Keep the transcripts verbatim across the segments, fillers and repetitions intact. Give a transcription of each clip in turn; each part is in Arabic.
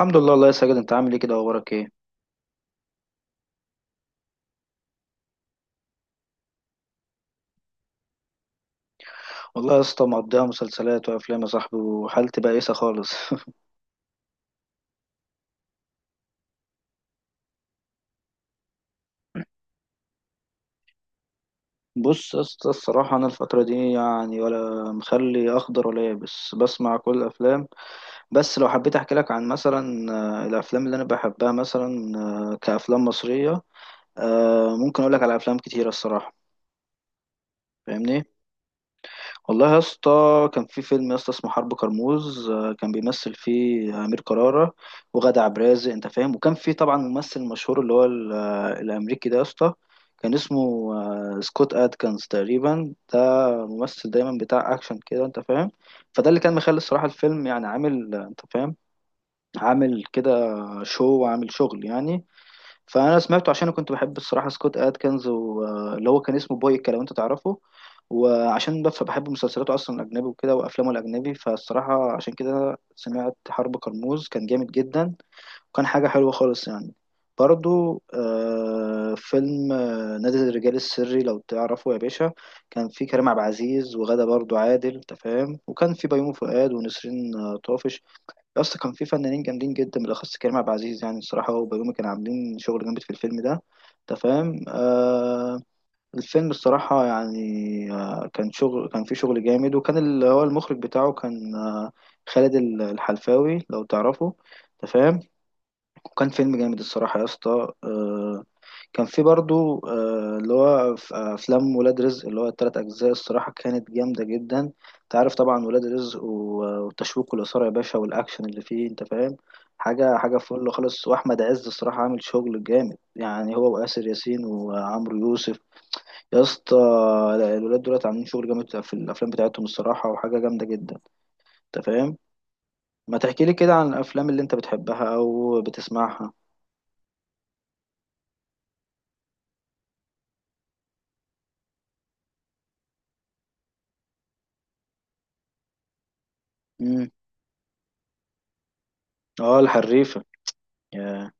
الحمد لله. الله يا ساجد، انت عامل ايه كده؟ اخبارك ايه؟ والله يا اسطى مقضيها مسلسلات وافلام يا صاحبي، وحالتي بائسه خالص. بص يا اسطى، الصراحه انا الفتره دي يعني ولا مخلي اخضر ولا يابس، بسمع كل الافلام. بس لو حبيت احكي لك عن مثلا آه، الافلام اللي انا بحبها مثلا، آه، كافلام مصريه، آه، ممكن اقول لك على افلام كتيره الصراحه. فاهمني؟ والله يا اسطى، كان في فيلم يا اسطى اسمه حرب كرموز. آه، كان بيمثل فيه أمير كرارة وغادة عبد الرازق، أنت فاهم. وكان في طبعا ممثل مشهور اللي هو ال- آه، الأمريكي ده يا اسطى. كان اسمه آه، سكوت أدكنز تقريبا ده. ممثل دايما بتاع أكشن كده، أنت فاهم. فده اللي كان مخلي الصراحة الفيلم يعني عامل، آه، أنت فاهم، عامل كده، شو وعامل شغل يعني. فانا سمعته عشان كنت بحب الصراحه سكوت ادكنز، واللي هو كان اسمه بويكا لو انت تعرفه. وعشان بف- بحب مسلسلاته اصلا الاجنبي وكده وافلامه الاجنبي، فالصراحه عشان كده سمعت حرب كرموز، كان جامد جدا. وكان حاجه حلوه خالص يعني. برضو آه، فيلم آه، نادي الرجال السري لو تعرفه يا باشا. كان فيه كريم عبد العزيز، وغادة برضو عادل، انت فاهم. وكان فيه بيومي فؤاد ونسرين آه، طافش. يا اسطى كان في فنانين جامدين جدا، بالاخص كريم عبد العزيز، يعني الصراحه هو وبيومي كانوا عاملين شغل جامد في الفيلم ده، انت فاهم. آه، الفيلم الصراحه يعني، آه، كان شغل، كان في شغل جامد. وكان اللي هو المخرج بتاعه كان، آه، خالد ال- الحلفاوي لو تعرفه، انت فاهم. وكان فيلم جامد الصراحه يا اسطى، آه. كان في برضو آه، اللي هو ف- آه، افلام ولاد رزق، اللي هو التلات اجزاء الصراحه، كانت جامده جدا. انت عارف طبعا ولاد رزق، و- آه، والتشويق والاثاره يا باشا، والاكشن اللي فيه، انت فاهم. حاجه حاجه فل خالص. واحمد عز الصراحه عامل شغل جامد، يعني هو واسر ياسين وعمرو يوسف يا اسطى. لا، الولاد دولت عاملين شغل جامد في الافلام بتاعتهم الصراحه، وحاجه جامده جدا، انت فاهم. ما تحكي لي كده عن الافلام اللي انت بتحبها او بتسمعها؟ امم. اه، الحريفه. يا.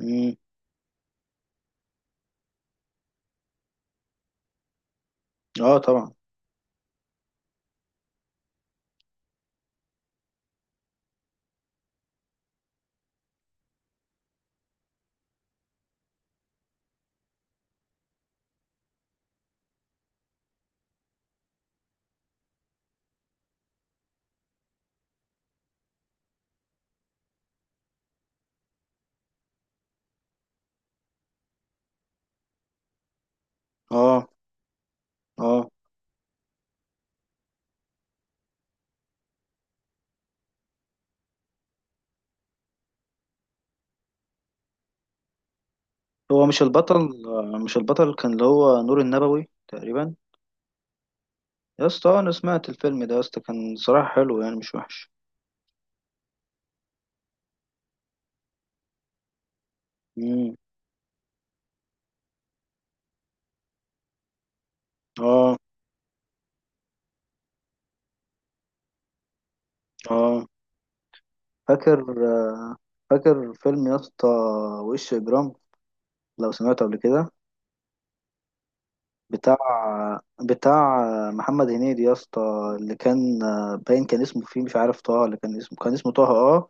امم. اه، طبعا. اه. اه. هو مش البطل؟ آه، مش البطل كان اللي هو نور النبوي تقريبا. يا اسطى، آه، انا سمعت الفيلم ده يا اسطى، كان صراحة حلو يعني، مش وحش. امم. اه. اه. فاكر، فاكر فيلم يا اسطى، وش اجرام، لو سمعته قبل كده. بتاع بتاع محمد هنيدي يا اسطى، اللي كان آه، باين كان اسمه فيه، مش عارف طه، اللي كان اسمه، كان اسمه طه، اه.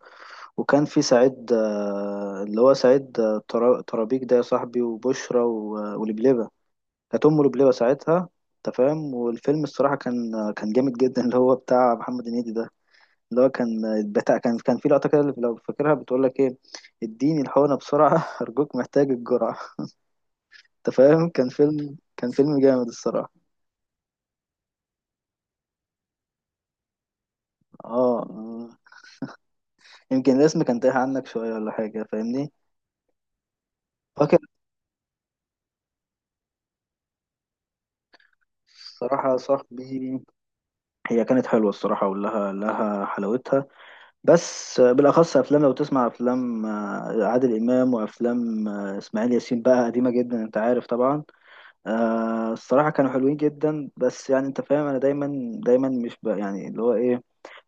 وكان في سعيد، آه، اللي هو سعيد، آه، ترا- ترابيك ده يا صاحبي، وبشرى و- ولبلبة. كانت له بلبة ساعتها، انت فاهم. والفيلم الصراحه كان كان جامد جدا، اللي هو بتاع محمد هنيدي ده. اللي هو كان بتاع، كان، كان في لقطه كده لو فاكرها، بتقول لك ايه؟ اديني الحقنه بسرعه ارجوك محتاج الجرعه. انت فاهم، كان فيلم، كان فيلم جامد الصراحه. اه، آه. يمكن الاسم كان تايه عنك شويه ولا حاجه، فاهمني. فاكر. الصراحه يا صاحبي، هي كانت حلوه الصراحه، ولها لها حلاوتها. بس بالاخص افلام، لو تسمع افلام آه، عادل امام، وافلام آه، اسماعيل ياسين بقى، قديمه جدا، انت عارف طبعا. آه، الصراحه كانوا حلوين جدا، بس يعني انت فاهم. انا دايما دايما مش بقى يعني اللي هو ايه،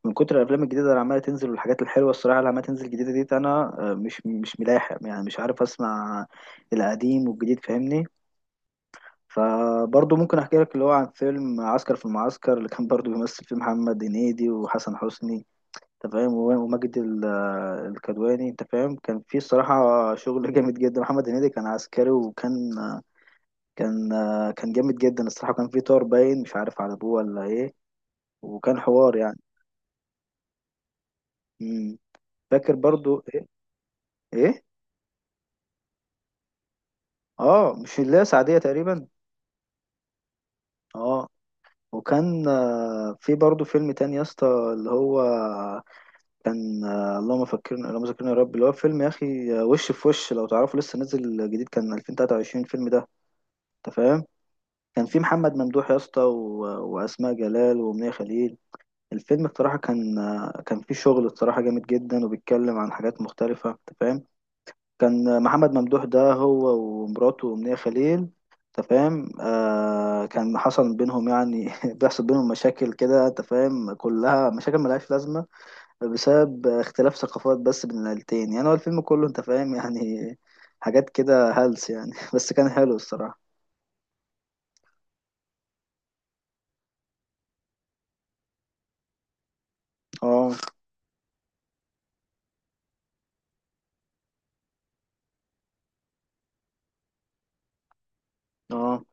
من كتر الافلام الجديده اللي عماله تنزل، والحاجات الحلوه الصراحه اللي عماله تنزل جديده دي، انا، آه، مش مش ملاحق يعني، مش عارف اسمع القديم والجديد، فاهمني. فبرضه ممكن احكي لك اللي هو عن فيلم عسكر في المعسكر، اللي كان برضه بيمثل فيه محمد هنيدي وحسن حسني، انت فاهم، و- وماجد ال- الكدواني، انت فاهم. كان في الصراحه شغل جامد جدا. محمد هنيدي كان عسكري، وكان كان كان جامد جدا الصراحه. كان في طار باين مش عارف على ابوه ولا ايه، وكان حوار يعني. امم. فاكر برضو ايه؟ ايه. اه، مش اللي هي سعديه تقريبا؟ اه. وكان آه، في برضو فيلم تاني يا اسطى، اللي هو كان، آه، اللهم فكرنا اللهم ذكرنا يا رب، اللي هو فيلم يا اخي، آه، وش في وش، لو تعرفه لسه نازل جديد، كان ألفين وثلاثة وعشرين الفيلم ده، انت فاهم. كان في محمد ممدوح يا اسطى و- واسماء جلال وامنيه خليل. الفيلم بصراحه كان، كان فيه شغل بصراحه جامد جدا، وبيتكلم عن حاجات مختلفه، انت فاهم. كان محمد ممدوح ده هو ومراته وامنيه خليل، انت فاهم. آه، كان حصل بينهم يعني بيحصل بينهم مشاكل كده، انت فاهم، كلها مشاكل ملهاش لازمه، بسبب اختلاف ثقافات بس بين العيلتين، يعني هو الفيلم كله، انت فاهم، يعني حاجات كده هلس يعني، بس كان حلو الصراحه. اه، اه،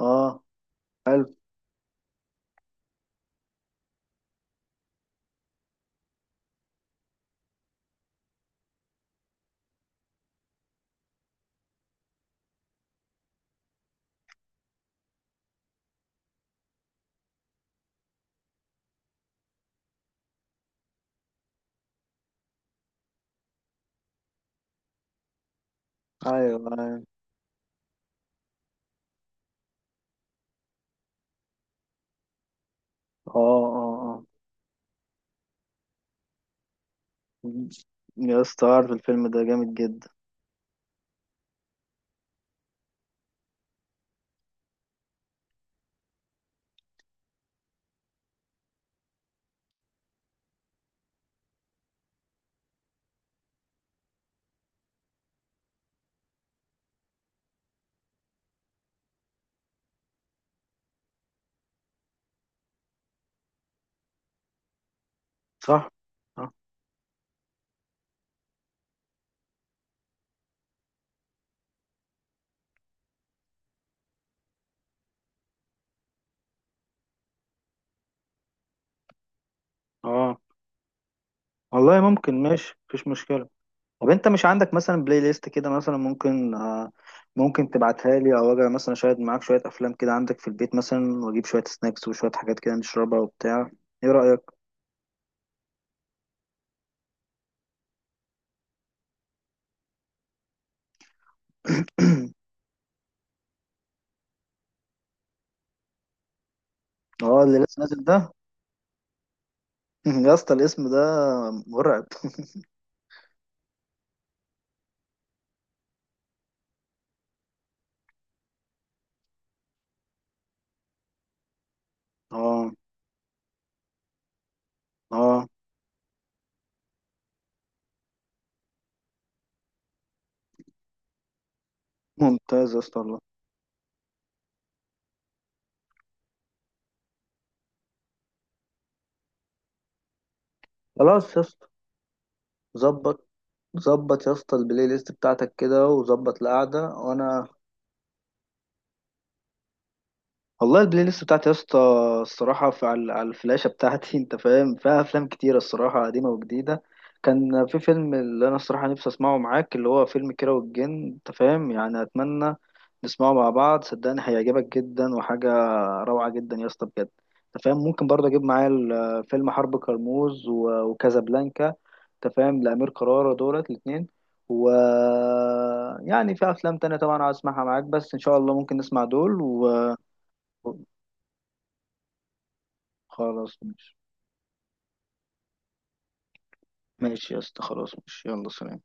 اه، حلو. ايوه، ايوه، اه، اه، اه. يا اسطى عارف الفيلم ده جامد جدا. صح، اه، آه. والله ممكن، ماشي، مفيش مشكلة. طب انت مش عندك مثلا بلاي ليست كده؟ مثلا ممكن آه ممكن تبعتها لي، او اجي مثلا شاهد معاك شوية افلام كده عندك في البيت مثلا، واجيب شوية سناكس وشوية حاجات كده نشربها وبتاع، ايه رأيك؟ اه، اللي لسه نازل ده. يا اسطى الاسم ده مرعب. اه، اه. ممتاز يا اسطى والله. خلاص يا اسطى. ظبط، ظبط يا اسطى البلاي ليست بتاعتك كده، وظبط القعده، وانا. والله البلاي ليست بتاعتي يا اسطى، الصراحة في، على على الفلاشة بتاعتي، انت فاهم، فيها أفلام كتيرة الصراحة، قديمة وجديدة. كان في فيلم اللي أنا الصراحة نفسي أسمعه معاك، اللي هو فيلم كيرة والجن، انت فاهم، يعني أتمنى نسمعه مع بعض، صدقني هيعجبك جدا، وحاجة روعة جدا يا اسطى، بجد، انت فاهم. ممكن برضه أجيب معايا ال- فيلم حرب كرموز و- وكازابلانكا، انت فاهم، لأمير كرارة دولت الاتنين. و يعني في أفلام تانية طبعا عايز أسمعها معاك، بس إن شاء الله ممكن نسمع دول و... خلاص ماشي. ماشي يا اسطى، خلاص، ماشي، يلا سلام